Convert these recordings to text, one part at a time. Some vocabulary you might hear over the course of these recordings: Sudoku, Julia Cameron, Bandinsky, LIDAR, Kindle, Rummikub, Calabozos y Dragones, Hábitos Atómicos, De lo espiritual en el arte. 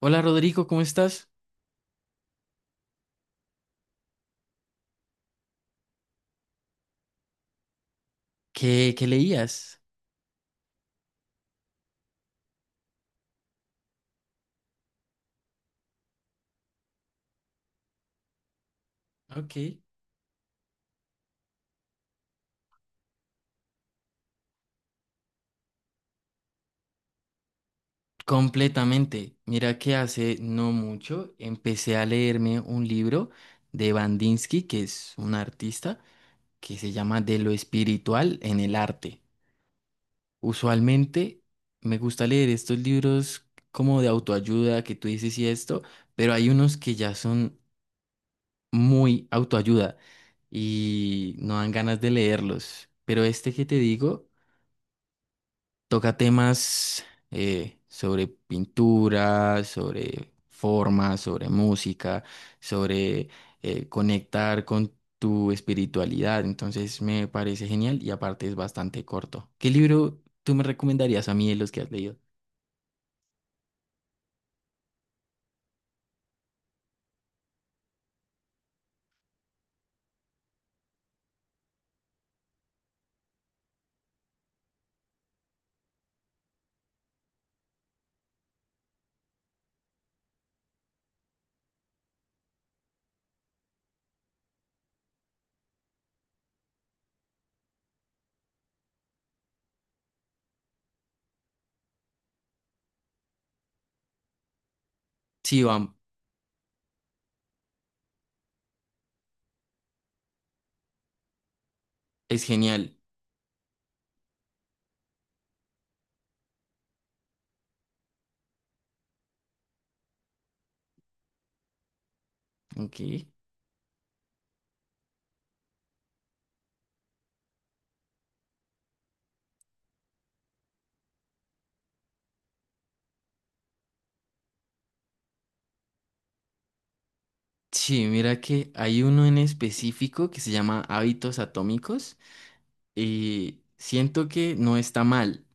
Hola Rodrigo, ¿cómo estás? ¿Qué leías? Ok. Completamente. Mira que hace no mucho empecé a leerme un libro de Bandinsky, que es un artista, que se llama De lo espiritual en el arte. Usualmente me gusta leer estos libros como de autoayuda, que tú dices y esto, pero hay unos que ya son muy autoayuda y no dan ganas de leerlos. Pero este que te digo toca temas sobre pintura, sobre forma, sobre música, sobre conectar con tu espiritualidad. Entonces me parece genial y aparte es bastante corto. ¿Qué libro tú me recomendarías a mí de los que has leído? Sí, bam, es genial. Ok. Sí, mira que hay uno en específico que se llama Hábitos Atómicos y siento que no está mal,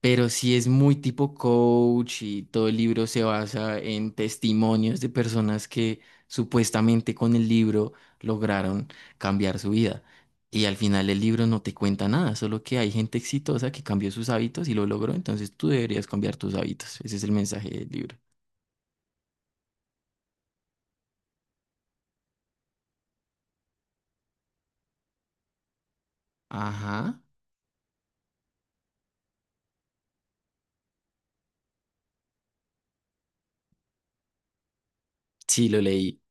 pero sí es muy tipo coach y todo el libro se basa en testimonios de personas que supuestamente con el libro lograron cambiar su vida. Y al final el libro no te cuenta nada, solo que hay gente exitosa que cambió sus hábitos y lo logró, entonces tú deberías cambiar tus hábitos. Ese es el mensaje del libro. Ajá, sí, lo leí.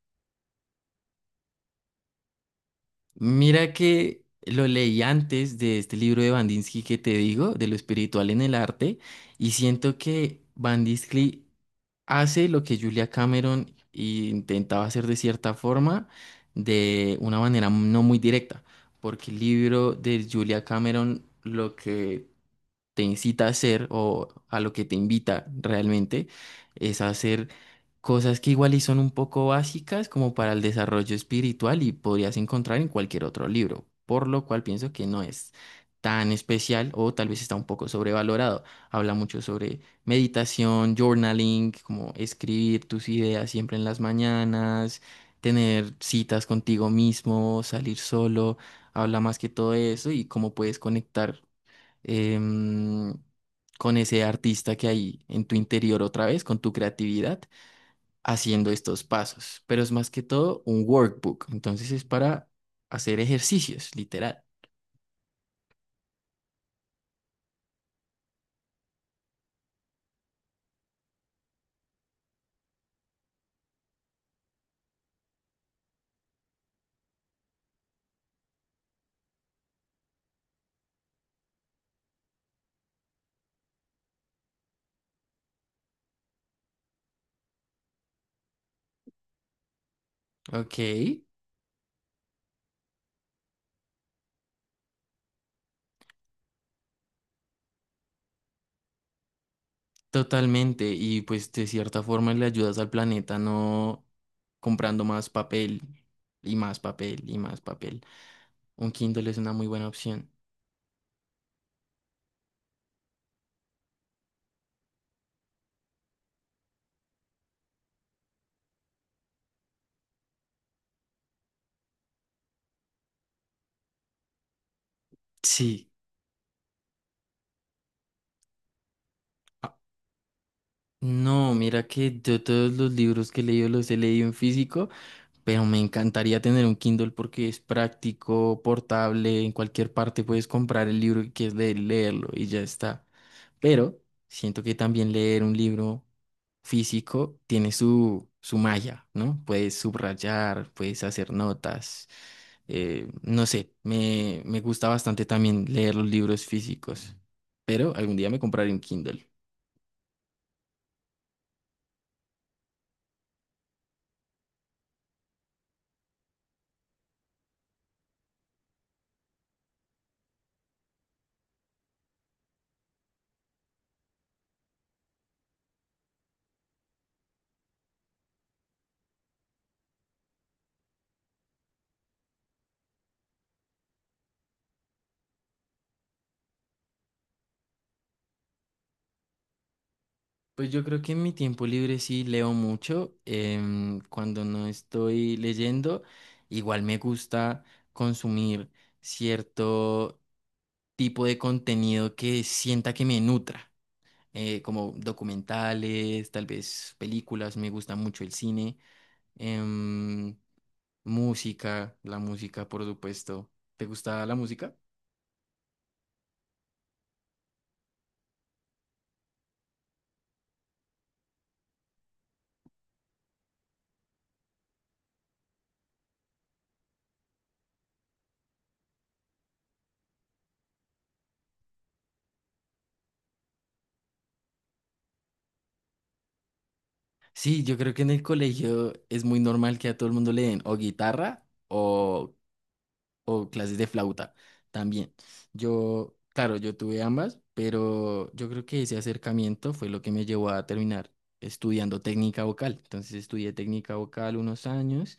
Mira que lo leí antes de este libro de Bandinsky que te digo, de lo espiritual en el arte, y siento que Bandinsky hace lo que Julia Cameron intentaba hacer de cierta forma, de una manera no muy directa, porque el libro de Julia Cameron lo que te incita a hacer o a lo que te invita realmente es a hacer cosas que igual y son un poco básicas como para el desarrollo espiritual y podrías encontrar en cualquier otro libro, por lo cual pienso que no es tan especial o tal vez está un poco sobrevalorado. Habla mucho sobre meditación, journaling, como escribir tus ideas siempre en las mañanas, tener citas contigo mismo, salir solo, habla más que todo eso y cómo puedes conectar, em, con ese artista que hay en tu interior otra vez, con tu creatividad haciendo estos pasos, pero es más que todo un workbook, entonces es para hacer ejercicios, literal. Ok, totalmente, y pues de cierta forma le ayudas al planeta no comprando más papel y más papel y más papel. Un Kindle es una muy buena opción. Sí. Ah, no, mira que yo todos los libros que he leído los he leído en físico, pero me encantaría tener un Kindle porque es práctico, portable, en cualquier parte puedes comprar el libro que quieres leer, leerlo y ya está. Pero siento que también leer un libro físico tiene su magia, ¿no? Puedes subrayar, puedes hacer notas. No sé, me gusta bastante también leer los libros físicos, pero algún día me compraré un Kindle. Pues yo creo que en mi tiempo libre sí leo mucho. Cuando no estoy leyendo, igual me gusta consumir cierto tipo de contenido que sienta que me nutra, como documentales, tal vez películas, me gusta mucho el cine, em, música, la música, por supuesto. ¿Te gusta la música? Sí, yo creo que en el colegio es muy normal que a todo el mundo le den o guitarra o clases de flauta también. Yo, claro, yo tuve ambas, pero yo creo que ese acercamiento fue lo que me llevó a terminar estudiando técnica vocal. Entonces estudié técnica vocal unos años,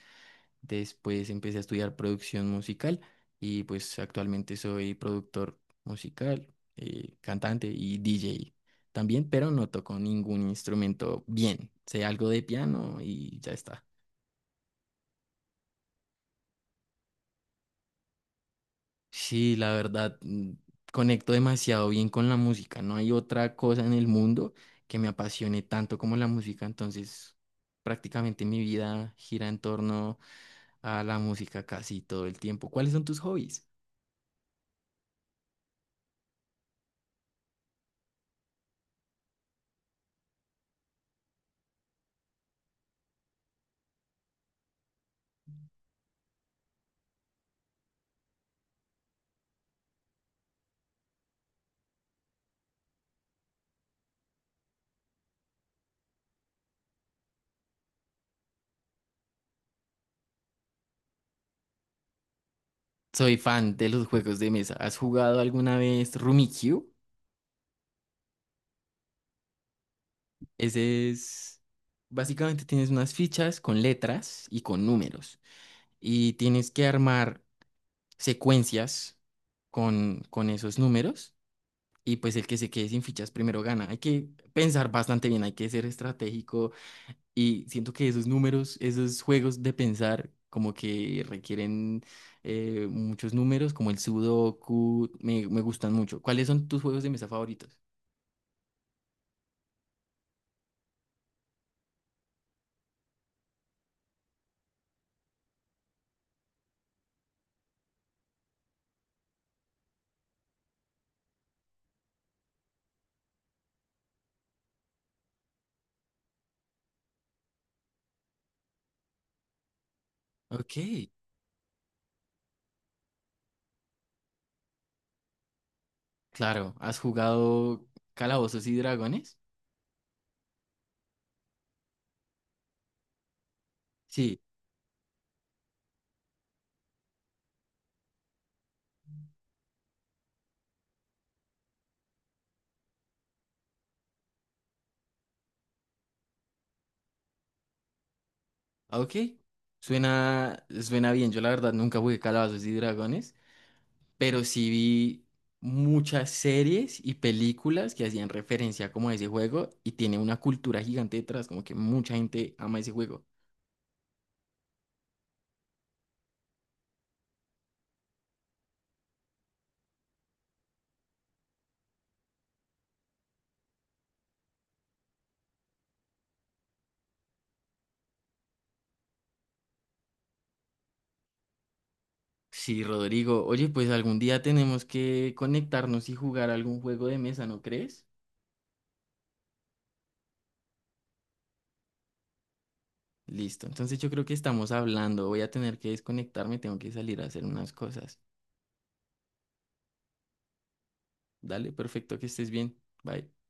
después empecé a estudiar producción musical y pues actualmente soy productor musical, cantante y DJ también, pero no toco ningún instrumento bien. Sé algo de piano y ya está. Sí, la verdad, mm, conecto demasiado bien con la música. No hay otra cosa en el mundo que me apasione tanto como la música. Entonces, prácticamente mi vida gira en torno a la música casi todo el tiempo. ¿Cuáles son tus hobbies? Soy fan de los juegos de mesa. ¿Has jugado alguna vez Rummikub? Ese es... Básicamente tienes unas fichas con letras y con números. Y tienes que armar secuencias con esos números y pues el que se quede sin fichas primero gana. Hay que pensar bastante bien, hay que ser estratégico y siento que esos números, esos juegos de pensar como que requieren muchos números, como el Sudoku, me gustan mucho. ¿Cuáles son tus juegos de mesa favoritos? Ok, claro, ¿has jugado Calabozos y Dragones? Sí, ok, suena, suena bien. Yo la verdad nunca jugué Calabozos y Dragones, pero sí vi muchas series y películas que hacían referencia como a ese juego y tiene una cultura gigante detrás, como que mucha gente ama ese juego. Sí, Rodrigo, oye, pues algún día tenemos que conectarnos y jugar algún juego de mesa, ¿no crees? Listo, entonces yo creo que estamos hablando, voy a tener que desconectarme, tengo que salir a hacer unas cosas. Dale, perfecto, que estés bien. Bye.